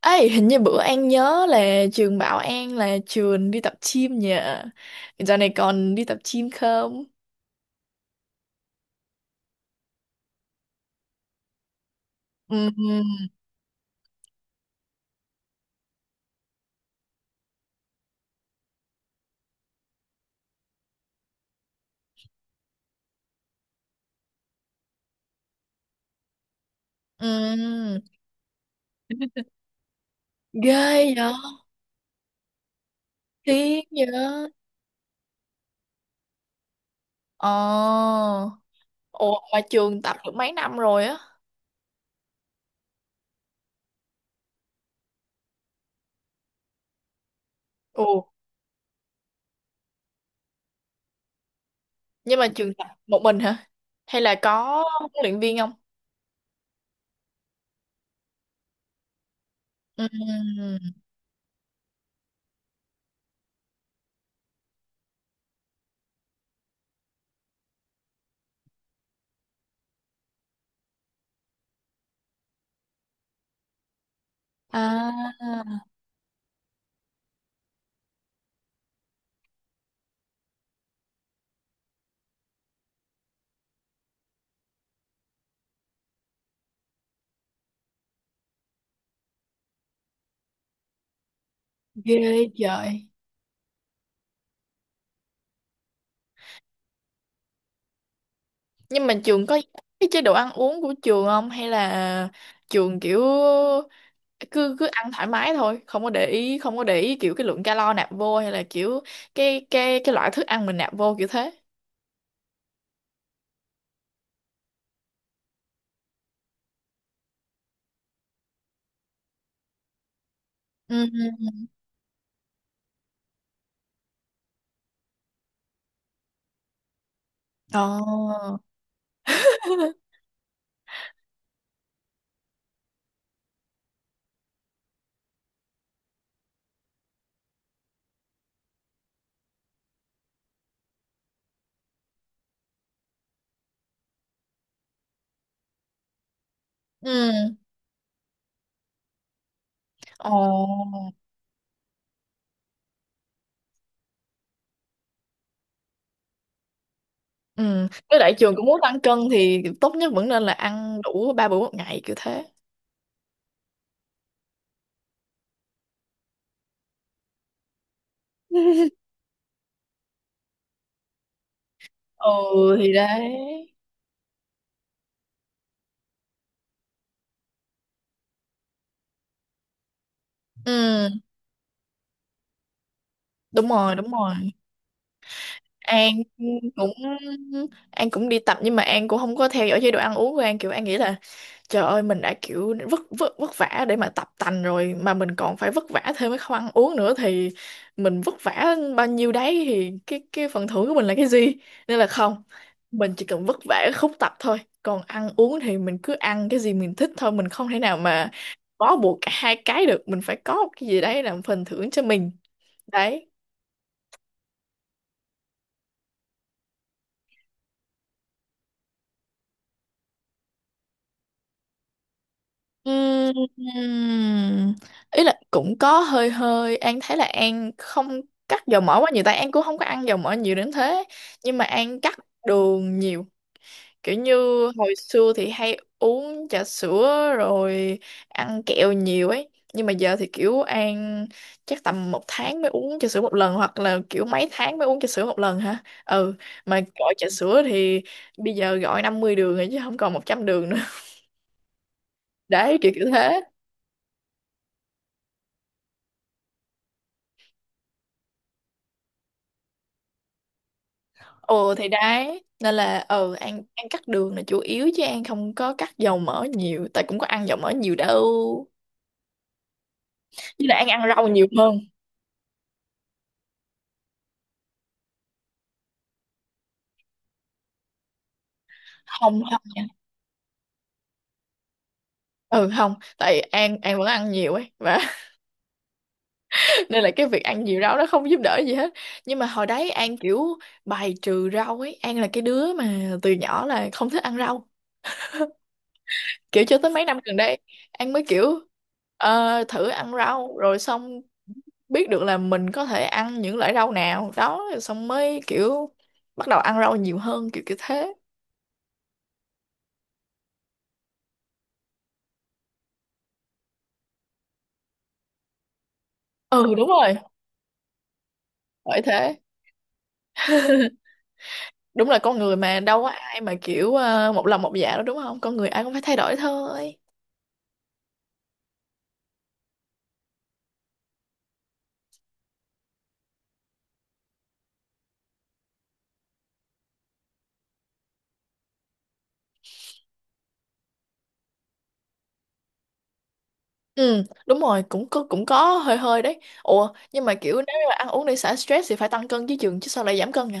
Ấy hình như bữa An nhớ là trường bảo An là trường đi tập gym nhỉ. Giờ này còn đi tập gym không? Ừ. Ừ. Ghê vậy. Tiếng vậy. Ờ. Ồ, mà trường tập được mấy năm rồi á? Ồ. Nhưng mà trường tập một mình hả, hay là có huấn luyện viên không? Ừ. À, ghê. Trời. Nhưng mà trường có cái chế độ ăn uống của trường không, hay là trường kiểu cứ cứ ăn thoải mái thôi, không có để ý, không có để ý kiểu cái lượng calo nạp vô, hay là kiểu cái loại thức ăn mình nạp vô kiểu thế? Ừ, ừ. Ồ. Ừ. Ồ. Ừ, với lại trường cũng muốn tăng cân thì tốt nhất vẫn nên là ăn đủ ba bữa một ngày kiểu thế. Ừ, thì đấy. Ừ, đúng rồi, đúng rồi. An cũng An cũng đi tập, nhưng mà An cũng không có theo dõi chế độ ăn uống của An. Kiểu An nghĩ là trời ơi, mình đã kiểu vất vất vất vả để mà tập tành rồi, mà mình còn phải vất vả thêm cái không ăn uống nữa thì mình vất vả bao nhiêu đấy thì cái phần thưởng của mình là cái gì? Nên là không, mình chỉ cần vất vả ở khúc tập thôi, còn ăn uống thì mình cứ ăn cái gì mình thích thôi. Mình không thể nào mà bó buộc cả hai cái được, mình phải có một cái gì đấy làm phần thưởng cho mình. Đấy. Ừm, Ý là cũng có hơi hơi, An thấy là An không cắt dầu mỡ quá nhiều, tại An cũng không có ăn dầu mỡ nhiều đến thế, nhưng mà An cắt đường nhiều. Kiểu như hồi xưa thì hay uống trà sữa rồi ăn kẹo nhiều ấy, nhưng mà giờ thì kiểu An chắc tầm một tháng mới uống trà sữa một lần, hoặc là kiểu mấy tháng mới uống trà sữa một lần. Hả? Ừ. Mà gọi trà sữa thì bây giờ gọi 50 đường rồi, chứ không còn 100 đường nữa. Đấy, kiểu kiểu thế. Ừ, thì đấy, nên là ừ, An cắt đường là chủ yếu, chứ An không có cắt dầu mỡ nhiều, tại cũng có ăn dầu mỡ nhiều đâu. Với lại An ăn rau nhiều hơn. Không, không nha. Ừ, không, tại An vẫn ăn nhiều ấy và nên là cái việc ăn nhiều rau nó không giúp đỡ gì hết. Nhưng mà hồi đấy An kiểu bài trừ rau ấy, An là cái đứa mà từ nhỏ là không thích ăn rau, kiểu cho tới mấy năm gần đây An mới kiểu thử ăn rau, rồi xong biết được là mình có thể ăn những loại rau nào đó, xong mới kiểu bắt đầu ăn rau nhiều hơn kiểu kiểu thế. Ừ, đúng rồi. Bởi thế. Đúng là con người mà đâu có ai mà kiểu một lòng một dạ đâu, đúng không? Con người ai cũng phải thay đổi thôi. Ừ, đúng rồi, cũng có, cũng có hơi hơi đấy. Ủa, nhưng mà kiểu nếu như mà ăn uống để xả stress thì phải tăng cân chứ, chừng chứ sao lại giảm cân nhỉ?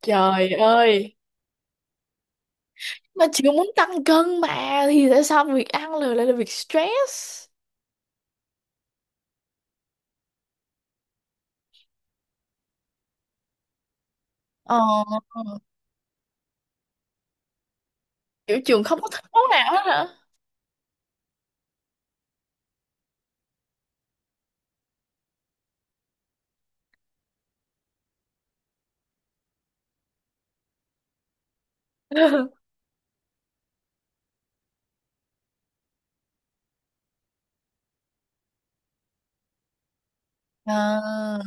Trời ơi. Mà chưa muốn tăng cân mà thì tại sao việc ăn là lại là việc stress? Ờ, kiểu trường không có thích món nào hết hả? À.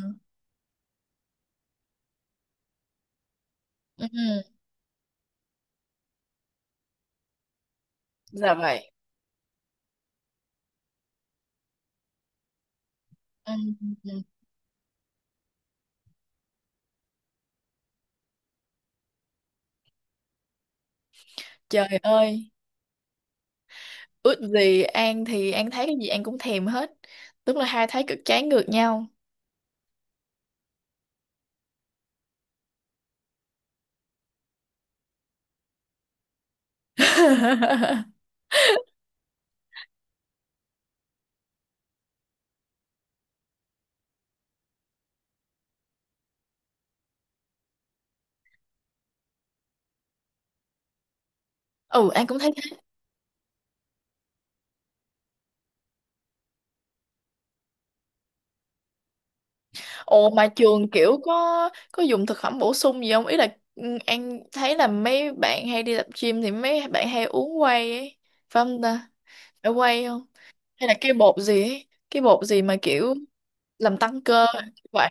Ừ. Dạ vậy. Ừ, ừ. Trời ơi, ước gì. An thì An thấy cái gì An cũng thèm hết. Tức là hai thấy cực trái ngược nhau. Ừ, An cũng thấy thế. Ồ, mà trường kiểu có dùng thực phẩm bổ sung gì không? Ý là An thấy là mấy bạn hay đi tập gym thì mấy bạn hay uống whey ấy. Phải không ta? Phải whey không? Hay là cái bột gì ấy? Cái bột gì mà kiểu làm tăng cơ vậy?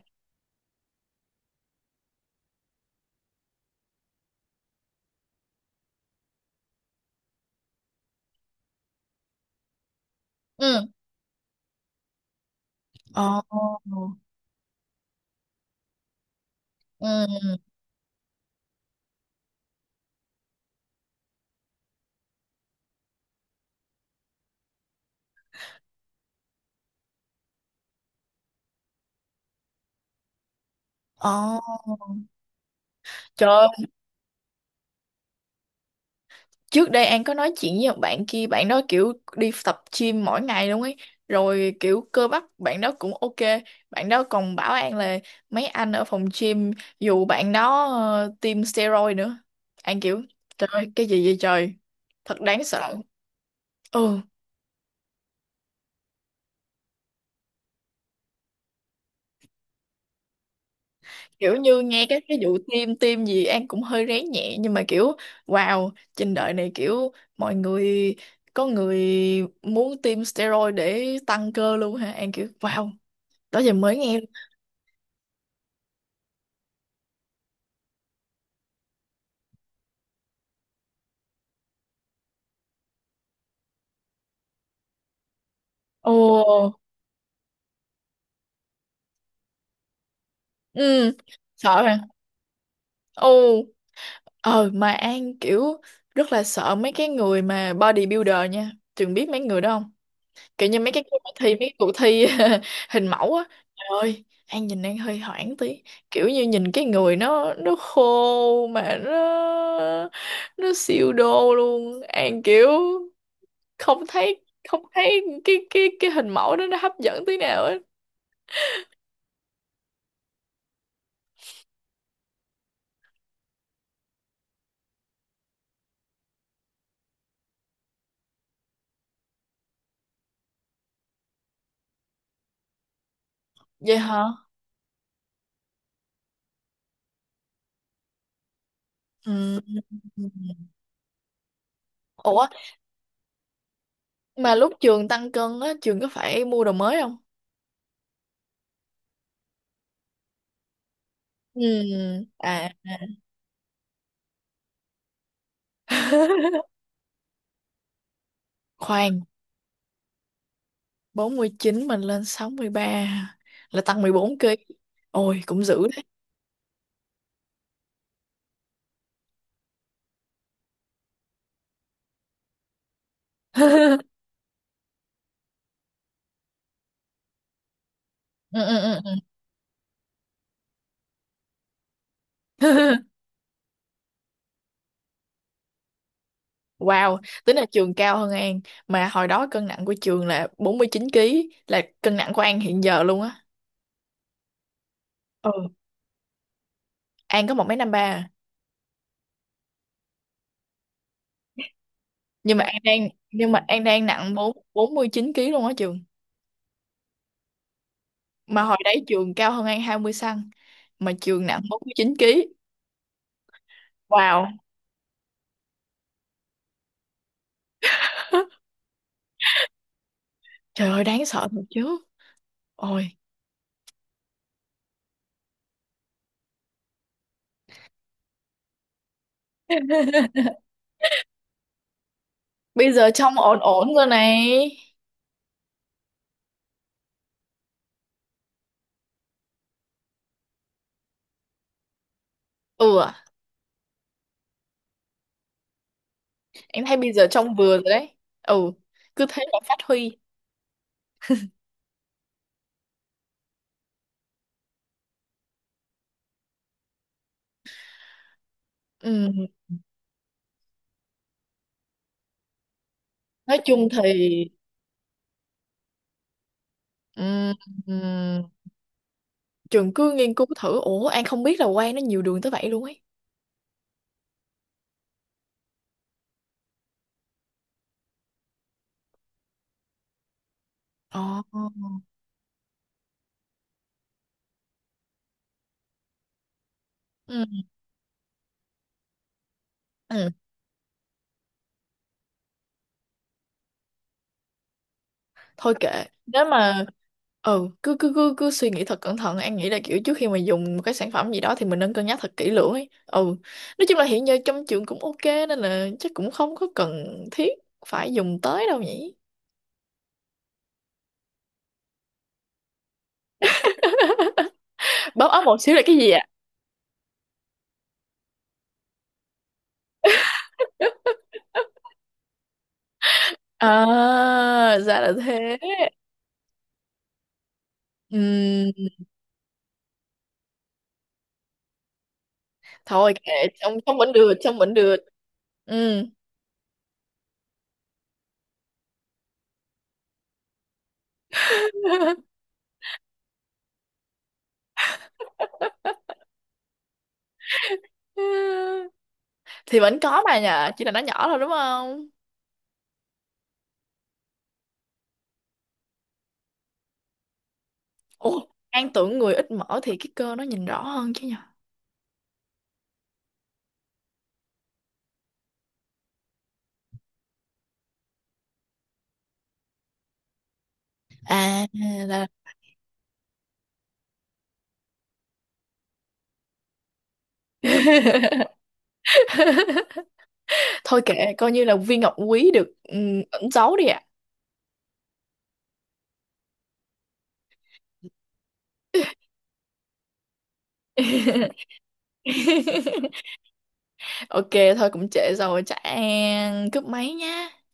Ừ. Ồ. Ừ. Ồ, trời ơi, trước đây An có nói chuyện với một bạn kia, bạn đó kiểu đi tập gym mỗi ngày luôn ấy, rồi kiểu cơ bắp bạn đó cũng ok. Bạn đó còn bảo An là mấy anh ở phòng gym dù bạn đó tiêm steroid nữa. An kiểu trời ơi, cái gì vậy trời, thật đáng sợ. Ừ. Kiểu như nghe các cái vụ tiêm tiêm gì An cũng hơi rén nhẹ, nhưng mà kiểu wow, trên đời này kiểu mọi người, có người muốn tiêm steroid để tăng cơ luôn hả? An kiểu wow, đó giờ mới nghe. Ồ. Ừ. Sợ hả. Ồ. Ờ, mà An kiểu rất là sợ mấy cái người mà bodybuilder nha. Trường biết mấy người đó không? Kiểu như mấy cái bài thi, mấy cái cuộc thi hình mẫu á. Trời ơi, An nhìn An hơi hoảng tí, kiểu như nhìn cái người nó khô mà nó siêu đô luôn. An kiểu không thấy, không thấy cái hình mẫu đó nó hấp dẫn tí nào á. Vậy hả. Ừ. Ủa mà lúc trường tăng cân á, trường có phải mua đồ mới không? Ừ. À. Khoan, 49 mình lên 63 là tăng 14 ký. Ôi cũng dữ đấy. Ừ, ừ, ừ. Ừ. Wow, tính là trường cao hơn An, mà hồi đó cân nặng của trường là 49 ký là cân nặng của An hiện giờ luôn á. Ừ, An có một mấy năm ba à. Nhưng mà An đang nặng 4 49 kg luôn á trường. Mà hồi đấy trường cao hơn An 20 cm mà trường nặng 49 ký. Wow. Trời ơi đáng sợ thật chứ. Ôi. Bây giờ trông ổn ổn rồi này. Ừ. À, em thấy bây giờ trong vừa rồi đấy ừ, cứ thế mà phát huy. Ừ. Nói chung thì ừm, ừm, trường cứ nghiên cứu thử. Ủa, An không biết là Quang nó nhiều đường tới vậy luôn ấy. Ồ. Ừ. Ừ. Thôi kệ, nếu mà ừ, cứ cứ cứ cứ suy nghĩ thật cẩn thận. An nghĩ là kiểu trước khi mà dùng một cái sản phẩm gì đó thì mình nên cân nhắc thật kỹ lưỡng ấy. Ừ, nói chung là hiện giờ trong trường cũng ok, nên là chắc cũng không có cần thiết phải dùng tới đâu nhỉ. Bóp ấm một xíu là cái gì? À, ra là thế. Ừm, Thôi kệ, trông trông vẫn được, trông vẫn được. Ừ. Thì vẫn có mà nhờ, chỉ là nó nhỏ thôi đúng không? Ủa, An tưởng người ít mỡ thì cái cơ nó nhìn rõ hơn chứ nhờ. À, là... Thôi kệ, coi như là viên ngọc quý được ẩn giấu đi ạ. Ok, thôi cũng trễ rồi, chắc An cúp máy nha.